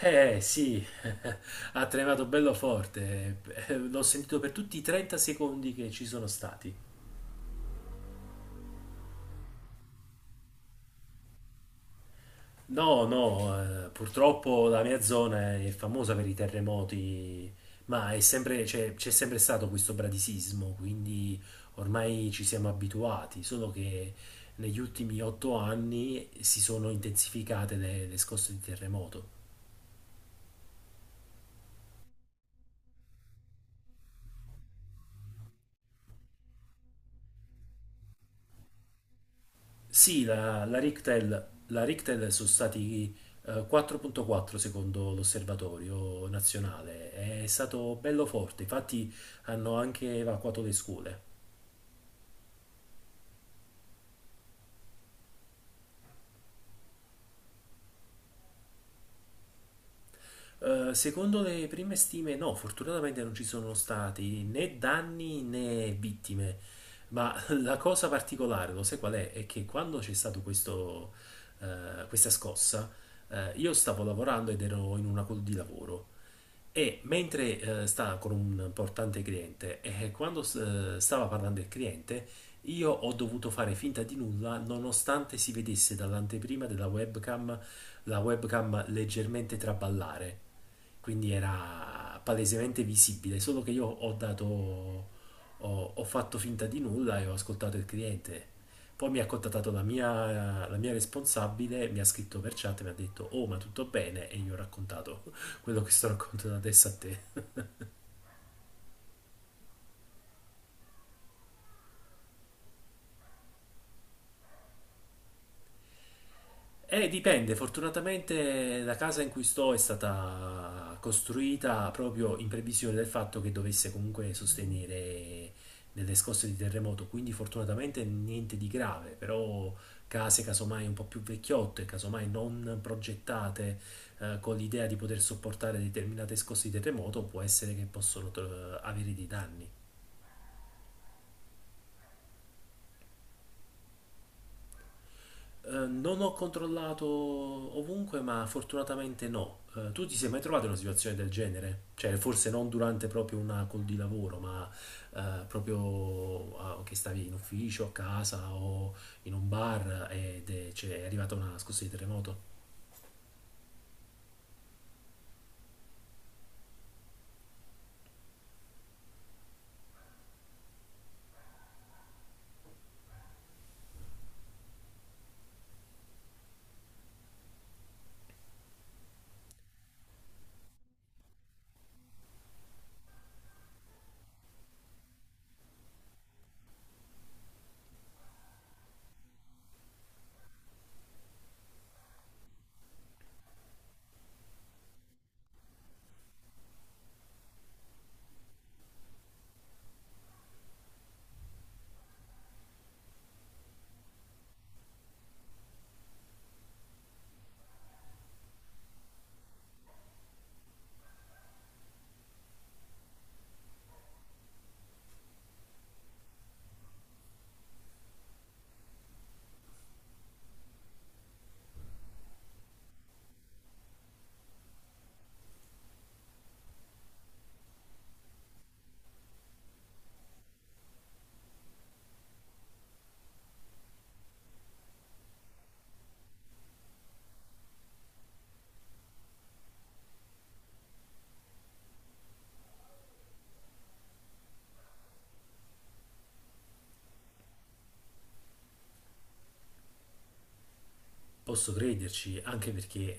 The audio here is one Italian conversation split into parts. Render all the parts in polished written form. Eh sì, ha tremato bello forte. L'ho sentito per tutti i 30 secondi che ci sono stati. No, no, purtroppo la mia zona è famosa per i terremoti, ma è sempre- c'è c'è sempre stato questo bradisismo, quindi ormai ci siamo abituati, solo che negli ultimi 8 anni si sono intensificate le scosse di terremoto. Sì, la Richtel sono stati 4,4 secondo l'osservatorio nazionale. È stato bello forte, infatti hanno anche evacuato le scuole. Secondo le prime stime, no, fortunatamente non ci sono stati né danni né vittime, ma la cosa particolare, lo sai qual è? È che quando c'è stato questa scossa, io stavo lavorando ed ero in una call di lavoro. E mentre stava con un importante cliente e quando stava parlando il cliente, io ho dovuto fare finta di nulla nonostante si vedesse dall'anteprima della webcam la webcam leggermente traballare. Quindi era palesemente visibile, solo che io ho fatto finta di nulla e ho ascoltato il cliente. Poi mi ha contattato la mia responsabile, mi ha scritto per chat, e mi ha detto: Oh, ma tutto bene? E io ho raccontato quello che sto raccontando adesso a te. Dipende, fortunatamente la casa in cui sto è stata costruita proprio in previsione del fatto che dovesse comunque sostenere delle scosse di terremoto, quindi fortunatamente niente di grave, però case casomai un po' più vecchiotte, casomai non progettate con l'idea di poter sopportare determinate scosse di terremoto, può essere che possono avere dei danni. Non ho controllato ovunque, ma fortunatamente no. Tu ti sei mai trovato in una situazione del genere? Cioè, forse non durante proprio una call di lavoro, ma proprio che stavi in ufficio, a casa o in un bar ed è, cioè, è arrivata una scossa di terremoto? Posso crederci, anche perché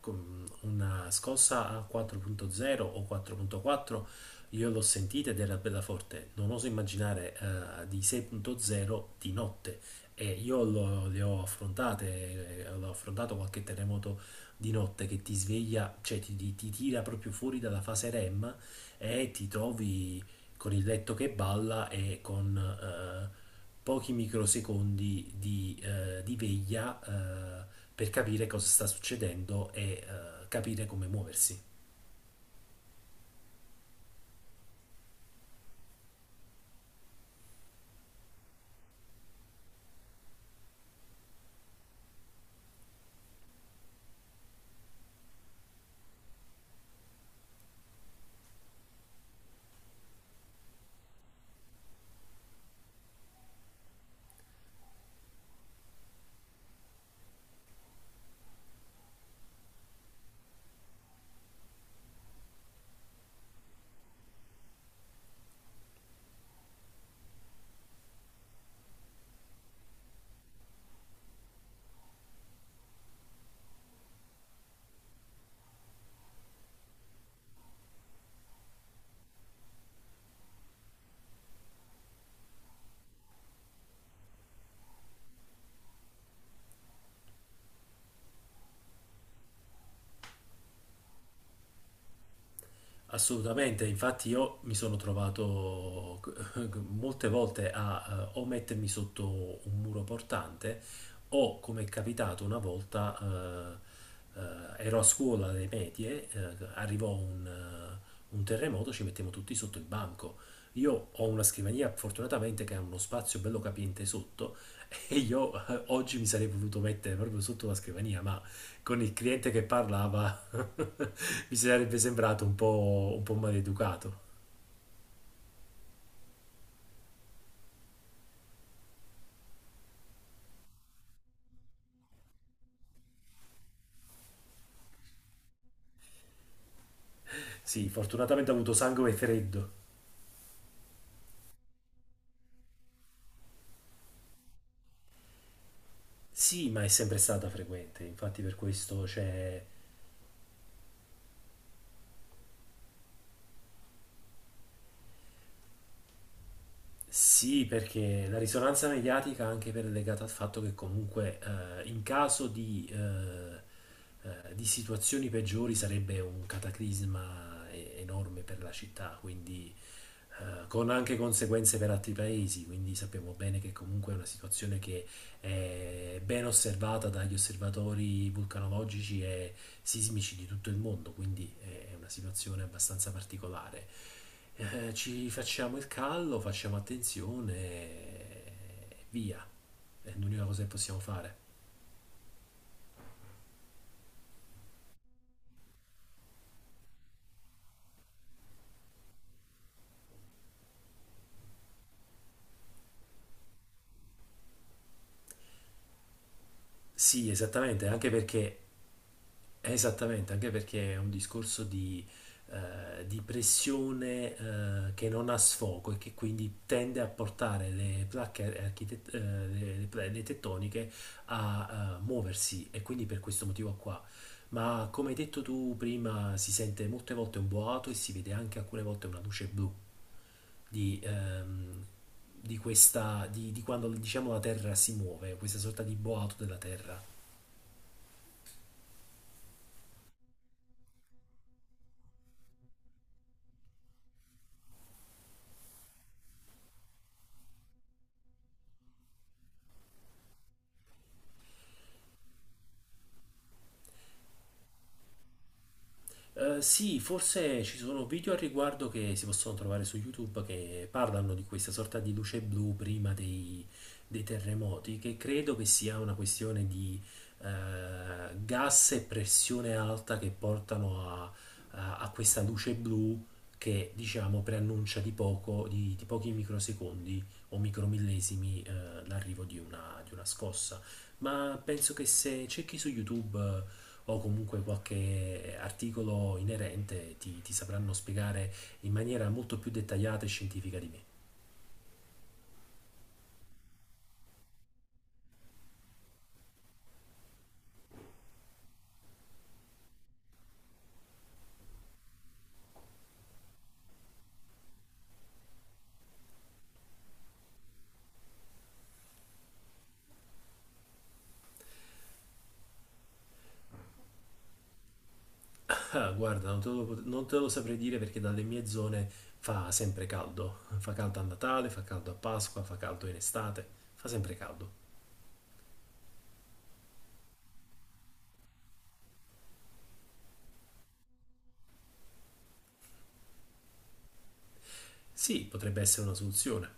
con una scossa a 4,0 o 4,4 io l'ho sentita ed era bella forte. Non oso immaginare di 6,0 di notte. E le ho affrontate, l'ho affrontato qualche terremoto di notte che ti sveglia, cioè ti tira proprio fuori dalla fase REM e ti trovi con il letto che balla e con pochi microsecondi di veglia per capire cosa sta succedendo e capire come muoversi. Assolutamente, infatti io mi sono trovato molte volte a o mettermi sotto un muro portante o, come è capitato una volta, eh, ero a scuola alle medie, arrivò un terremoto, ci mettiamo tutti sotto il banco. Io ho una scrivania fortunatamente che ha uno spazio bello capiente sotto, e io oggi mi sarei voluto mettere proprio sotto la scrivania, ma con il cliente che parlava mi sarebbe sembrato un po' maleducato. Sì, fortunatamente ha avuto sangue freddo. Sì, ma è sempre stata frequente, infatti per questo c'è... Sì, perché la risonanza mediatica anche per legata al fatto che comunque in caso di situazioni peggiori sarebbe un cataclisma enorme per la città, quindi con anche conseguenze per altri paesi, quindi sappiamo bene che comunque è una situazione che è ben osservata dagli osservatori vulcanologici e sismici di tutto il mondo, quindi è una situazione abbastanza particolare. Ci facciamo il callo, facciamo attenzione e via. È l'unica cosa che possiamo fare. Sì, esattamente, anche perché. Esattamente, anche perché è un discorso di pressione che non ha sfogo e che quindi tende a portare le placche le tettoniche a muoversi e quindi per questo motivo qua. Ma come hai detto tu prima, si sente molte volte un boato e si vede anche alcune volte una luce blu di, ehm, di quando diciamo la Terra si muove, questa sorta di boato della Terra. Sì, forse ci sono video al riguardo che si possono trovare su YouTube che parlano di questa sorta di luce blu prima dei terremoti, che credo che sia una questione di gas e pressione alta che portano a questa luce blu che diciamo preannuncia di poco, di pochi microsecondi o micromillesimi l'arrivo di una scossa. Ma penso che se cerchi su YouTube o comunque qualche articolo inerente ti sapranno spiegare in maniera molto più dettagliata e scientifica di me. Ah, guarda, non te lo saprei dire perché dalle mie zone fa sempre caldo. Fa caldo a Natale, fa caldo a Pasqua, fa caldo in estate, fa sempre caldo. Sì, potrebbe essere una soluzione.